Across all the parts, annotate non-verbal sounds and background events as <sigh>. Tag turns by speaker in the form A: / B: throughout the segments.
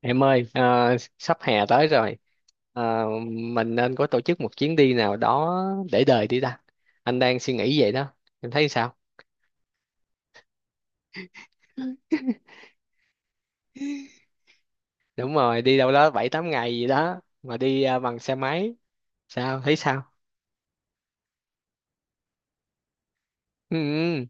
A: Em ơi, sắp hè tới rồi, à, mình nên có tổ chức một chuyến đi nào đó để đời đi ta. Anh đang suy nghĩ vậy đó, em thấy sao? Đúng rồi, đi đâu đó 7 8 ngày gì đó, mà đi bằng xe máy, sao, thấy sao? Ừ, ừ.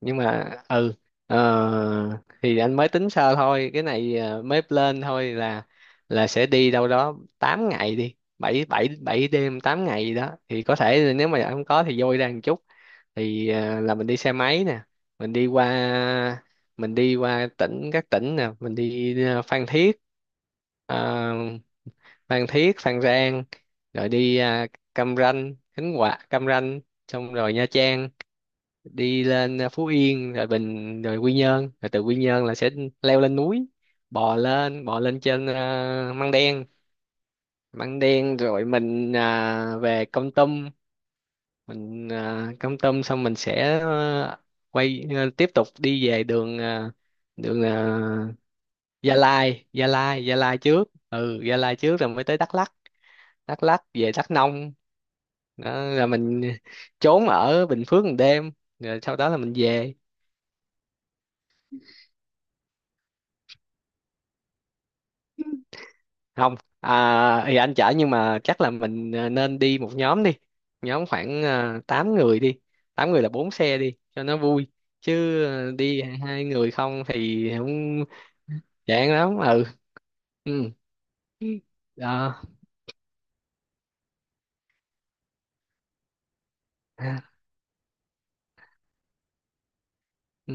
A: Nhưng mà, ừ, thì anh mới tính sơ thôi, cái này mới lên thôi là sẽ đi đâu đó 8 ngày đi, 7 7 7 đêm 8 ngày gì đó. Thì có thể là nếu mà anh không có thì vui ra một chút. Thì là mình đi xe máy nè, mình đi qua mình đi qua các tỉnh nè, mình đi Phan Thiết, à, Phan Rang, rồi đi Cam Ranh, Khánh Hòa Cam Ranh, xong rồi Nha Trang, đi lên Phú Yên, rồi Quy Nhơn, rồi từ Quy Nhơn là sẽ leo lên núi, bò lên trên Măng Đen. Rồi mình về Kon Tum, mình cắm tâm xong mình sẽ quay tiếp tục đi về đường đường à, Gia Lai. Trước ừ, Gia Lai trước rồi mới tới Đắk Lắk, về Đắk Nông, đó là mình trốn ở Bình Phước 1 đêm rồi sau đó là mình về. Không, thì anh chở nhưng mà chắc là mình nên đi một nhóm đi, nhóm khoảng 8 người đi, tám người là 4 xe đi cho nó vui, chứ đi 2 người không thì không, chán lắm ừ ừ. Đó. À, ừ.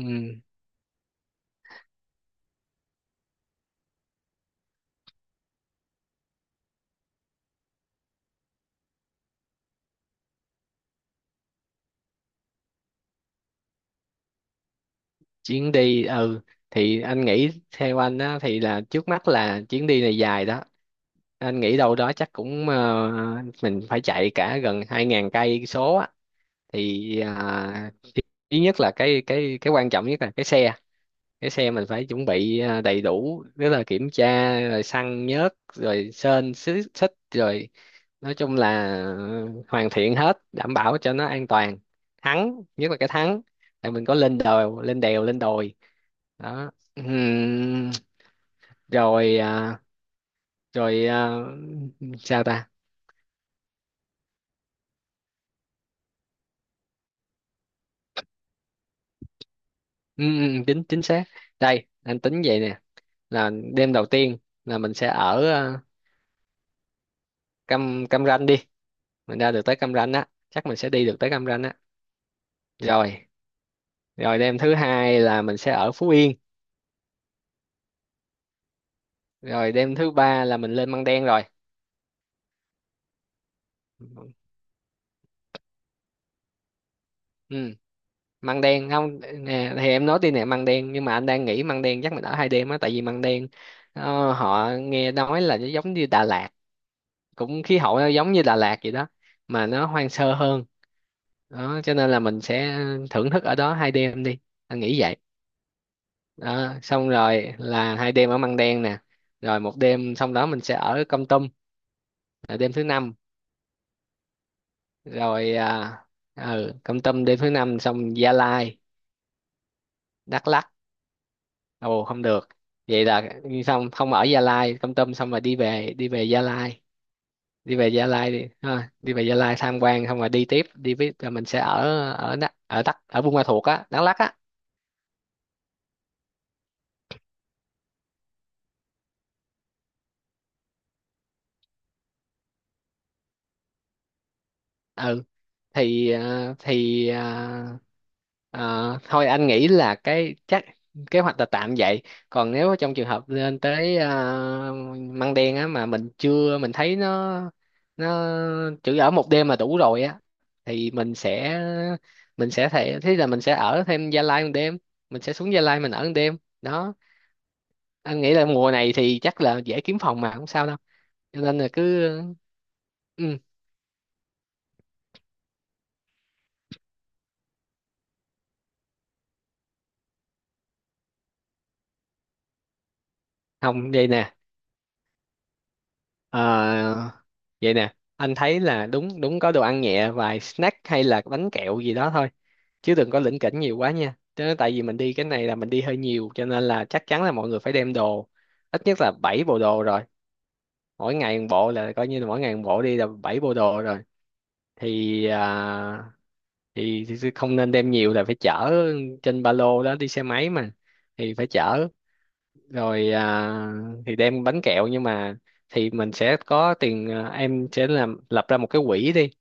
A: Chuyến đi ừ thì anh nghĩ theo anh á thì là trước mắt là chuyến đi này dài đó, anh nghĩ đâu đó chắc cũng mình phải chạy cả gần 2000 cây số á. Thì thứ nhất là cái quan trọng nhất là cái xe, cái xe mình phải chuẩn bị đầy đủ, tức là kiểm tra rồi xăng nhớt rồi sên, xích rồi, nói chung là hoàn thiện hết đảm bảo cho nó an toàn. Thắng, nhất là cái thắng, tại mình có lên đèo, lên đồi đó. Ừm, rồi rồi sao ta. Chính chính xác, đây anh tính vậy nè, là đêm đầu tiên là mình sẽ ở Cam Cam Ranh đi, mình ra được tới Cam Ranh á, chắc mình sẽ đi được tới Cam Ranh á, rồi. Rồi đêm thứ hai là mình sẽ ở Phú Yên, rồi đêm thứ ba là mình lên Măng Đen rồi. Ừ, Măng Đen không nè, thì em nói đi nè, Măng Đen nhưng mà anh đang nghĩ Măng Đen chắc mình ở 2 đêm á, tại vì Măng Đen, họ nghe nói là nó giống như Đà Lạt, cũng khí hậu nó giống như Đà Lạt vậy đó, mà nó hoang sơ hơn. Đó cho nên là mình sẽ thưởng thức ở đó 2 đêm đi, anh nghĩ vậy. Đó, xong rồi là 2 đêm ở Măng Đen nè, rồi một đêm xong đó mình sẽ ở Kon Tum, là đêm thứ năm. Rồi ừ, Kon Tum đêm thứ năm xong Gia Lai, Đắk Lắk. Ồ không được, vậy là xong không ở Gia Lai, Kon Tum xong rồi đi về, Gia Lai. Đi về Gia Lai đi ha, đi về Gia Lai tham quan xong rồi đi tiếp đi, với rồi mình sẽ ở, ở Đắk ở Buôn Ma Thuột á, Đắk Lắk á. Ừ thì ờ, thôi anh nghĩ là cái chắc kế hoạch là tạm vậy. Còn nếu trong trường hợp lên tới Măng Đen á mà mình chưa, mình thấy nó chỉ ở 1 đêm là đủ rồi á, thì mình sẽ thế là mình sẽ ở thêm Gia Lai 1 đêm, mình sẽ xuống Gia Lai mình ở một đêm. Đó, anh nghĩ là mùa này thì chắc là dễ kiếm phòng mà không sao đâu, cho nên là cứ ừ. Không vậy nè. Ờ, vậy nè, anh thấy là đúng đúng có đồ ăn nhẹ vài snack hay là bánh kẹo gì đó thôi, chứ đừng có lỉnh kỉnh nhiều quá nha. Chứ tại vì mình đi cái này là mình đi hơi nhiều cho nên là chắc chắn là mọi người phải đem đồ ít nhất là 7 bộ đồ rồi. Mỗi ngày một bộ, là coi như là mỗi ngày một bộ đi là 7 bộ đồ rồi. Thì, thì không nên đem nhiều là phải chở trên ba lô đó, đi xe máy mà thì phải chở. Rồi thì đem bánh kẹo nhưng mà thì mình sẽ có tiền, em sẽ làm lập ra một cái quỹ đi,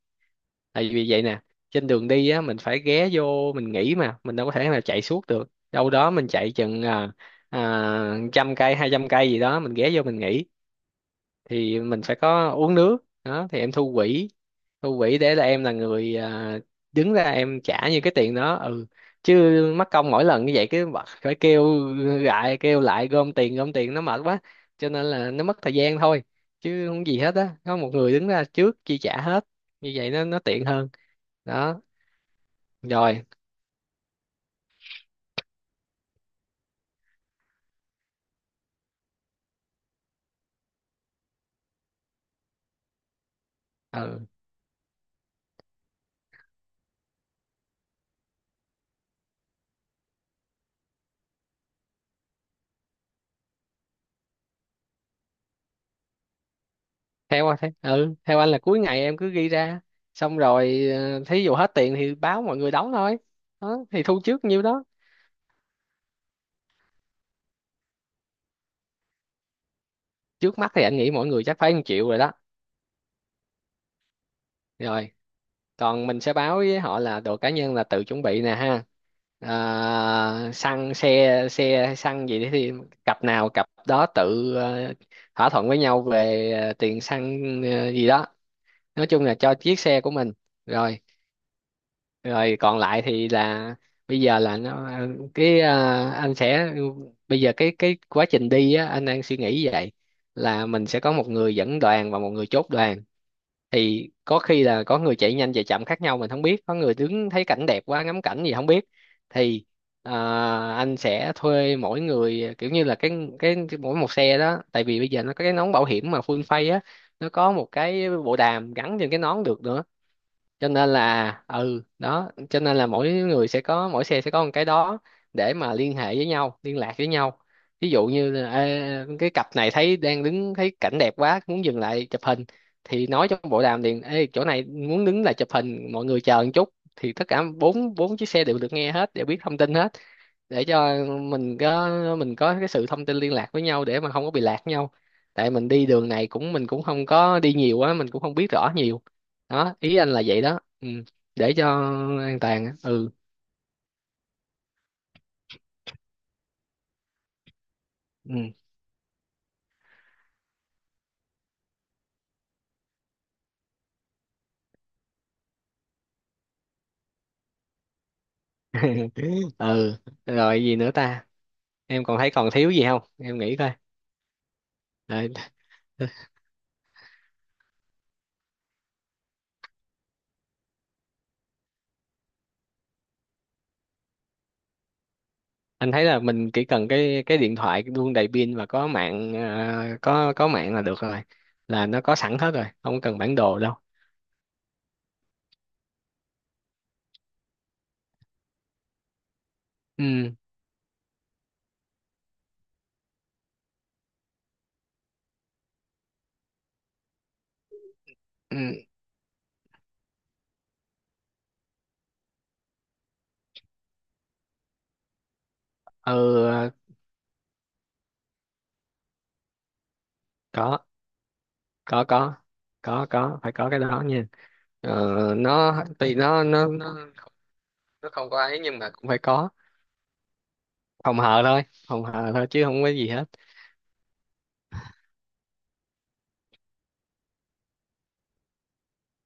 A: tại vì vậy nè, trên đường đi á mình phải ghé vô mình nghỉ, mà mình đâu có thể nào chạy suốt được đâu đó, mình chạy chừng 100 cây 200 cây gì đó mình ghé vô mình nghỉ, thì mình phải có uống nước đó thì em thu quỹ, thu quỹ để là em là người đứng ra em trả như cái tiền đó, ừ, chứ mắc công mỗi lần như vậy cái bật phải kêu lại, gom tiền, nó mệt quá, cho nên là nó mất thời gian thôi, chứ không gì hết á, có một người đứng ra trước chi trả hết, như vậy nó tiện hơn. Đó rồi ừ. Theo anh ừ, theo anh là cuối ngày em cứ ghi ra, xong rồi thí dụ hết tiền thì báo mọi người đóng thôi. Đó, thì thu trước nhiêu đó. Trước mắt thì anh nghĩ mỗi người chắc phải 1 triệu rồi đó. Rồi còn mình sẽ báo với họ là đồ cá nhân là tự chuẩn bị nè ha. À, xăng xe xe hay xăng gì đấy thì cặp nào cặp đó tự thỏa thuận với nhau về tiền xăng gì đó, nói chung là cho chiếc xe của mình. Rồi, rồi còn lại thì là bây giờ là nó anh sẽ bây giờ cái quá trình đi á anh đang suy nghĩ vậy, là mình sẽ có một người dẫn đoàn và một người chốt đoàn. Thì có khi là có người chạy nhanh chạy chậm khác nhau, mình không biết, có người đứng thấy cảnh đẹp quá ngắm cảnh gì không biết. Thì à, anh sẽ thuê mỗi người kiểu như là cái mỗi một xe đó, tại vì bây giờ nó có cái nón bảo hiểm mà full face á, nó có một cái bộ đàm gắn trên cái nón được nữa, cho nên là ừ đó, cho nên là mỗi xe sẽ có một cái đó, để mà liên hệ với nhau, liên lạc với nhau. Ví dụ như là, ê, cái cặp này thấy đang đứng thấy cảnh đẹp quá muốn dừng lại chụp hình, thì nói trong bộ đàm liền, ê, chỗ này muốn đứng lại chụp hình mọi người chờ một chút. Thì tất cả bốn 4 chiếc xe đều được nghe hết, đều biết thông tin hết, để cho mình có mình có cái sự thông tin liên lạc với nhau để mà không có bị lạc nhau. Tại mình đi đường này cũng, mình cũng không có đi nhiều á, mình cũng không biết rõ nhiều. Đó, ý anh là vậy đó ừ. Để cho an toàn á. Ừ ừ ừ, rồi gì nữa ta. Em còn thấy còn thiếu gì không, em nghĩ coi. Rồi, <laughs> anh thấy là mình chỉ cần cái điện thoại luôn đầy pin và có mạng, có mạng là được rồi, là nó có sẵn hết rồi, không cần bản đồ đâu. Ừ ừ ừ, có có có có, phải có cái đó nha. Ờ, nó tuy nó không có ấy nhưng mà cũng phải có phòng hờ thôi, phòng hờ thôi chứ không có gì hết.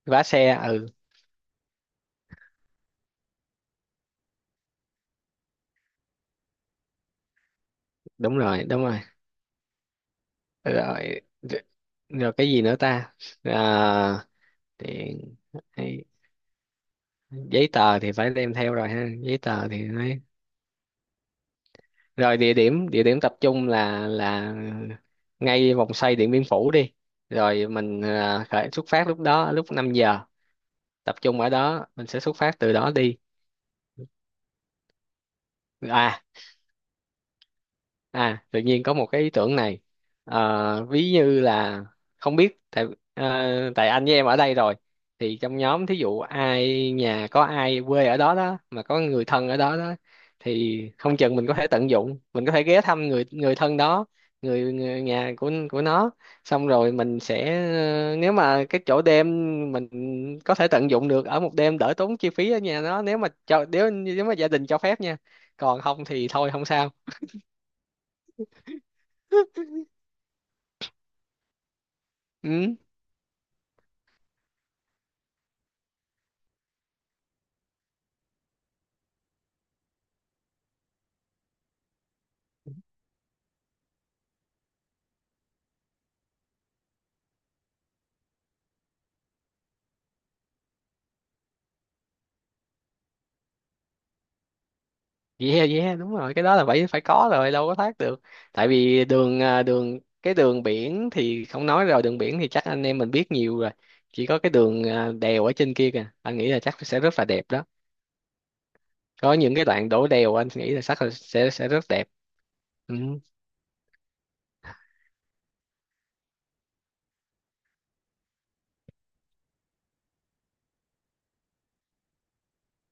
A: Vá xe ừ, đúng rồi, đúng rồi. Rồi rồi, rồi cái gì nữa ta, à, tiền hay giấy tờ thì phải đem theo rồi ha, giấy tờ thì nói. Rồi địa điểm, tập trung là ngay vòng xoay Điện Biên Phủ đi, rồi mình à, khởi xuất phát lúc 5 giờ, tập trung ở đó mình sẽ xuất phát từ đó đi. à À, tự nhiên có một cái ý tưởng này. Ờ, ví như là không biết tại, tại anh với em ở đây rồi, thì trong nhóm thí dụ ai nhà có ai quê ở đó đó mà có người thân ở đó đó, thì không chừng mình có thể tận dụng, mình có thể ghé thăm người người thân đó, người nhà của nó. Xong rồi mình sẽ nếu mà cái chỗ đêm mình có thể tận dụng được ở một đêm đỡ tốn chi phí ở nhà nó, nếu mà cho, nếu nếu mà gia đình cho phép nha. Còn không thì thôi không sao. Ừ. Yeah yeah, đúng rồi, cái đó là phải phải có rồi đâu có thoát được. Tại vì đường đường cái đường biển thì không nói rồi, đường biển thì chắc anh em mình biết nhiều rồi. Chỉ có cái đường đèo ở trên kia kìa anh nghĩ là chắc sẽ rất là đẹp đó, có những cái đoạn đổ đèo anh nghĩ là chắc là sẽ rất đẹp. Ừ.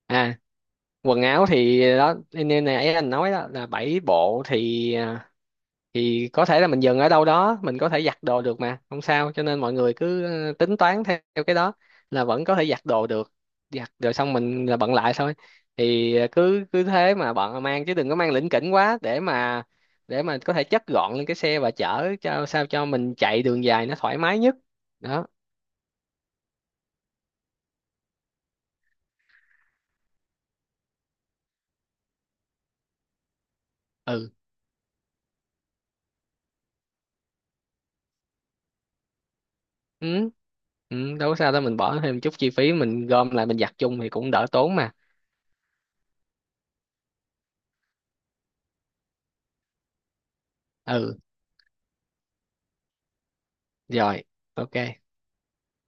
A: À quần áo thì đó, nên nãy anh nói đó là 7 bộ thì thì có thể là mình dừng ở đâu đó mình có thể giặt đồ được mà không sao, cho nên mọi người cứ tính toán theo theo cái đó, là vẫn có thể giặt đồ được, giặt rồi xong mình là bận lại thôi. Thì cứ cứ thế mà bận mang, chứ đừng có mang lỉnh kỉnh quá, để mà có thể chất gọn lên cái xe và chở cho sao cho mình chạy đường dài nó thoải mái nhất. Đó ừ. Ừ, ừ đâu có sao đâu, mình bỏ thêm chút chi phí mình gom lại mình giặt chung thì cũng đỡ tốn mà. Ừ rồi ok,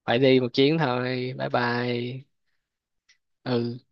A: phải đi một chuyến thôi, bye bye ừ.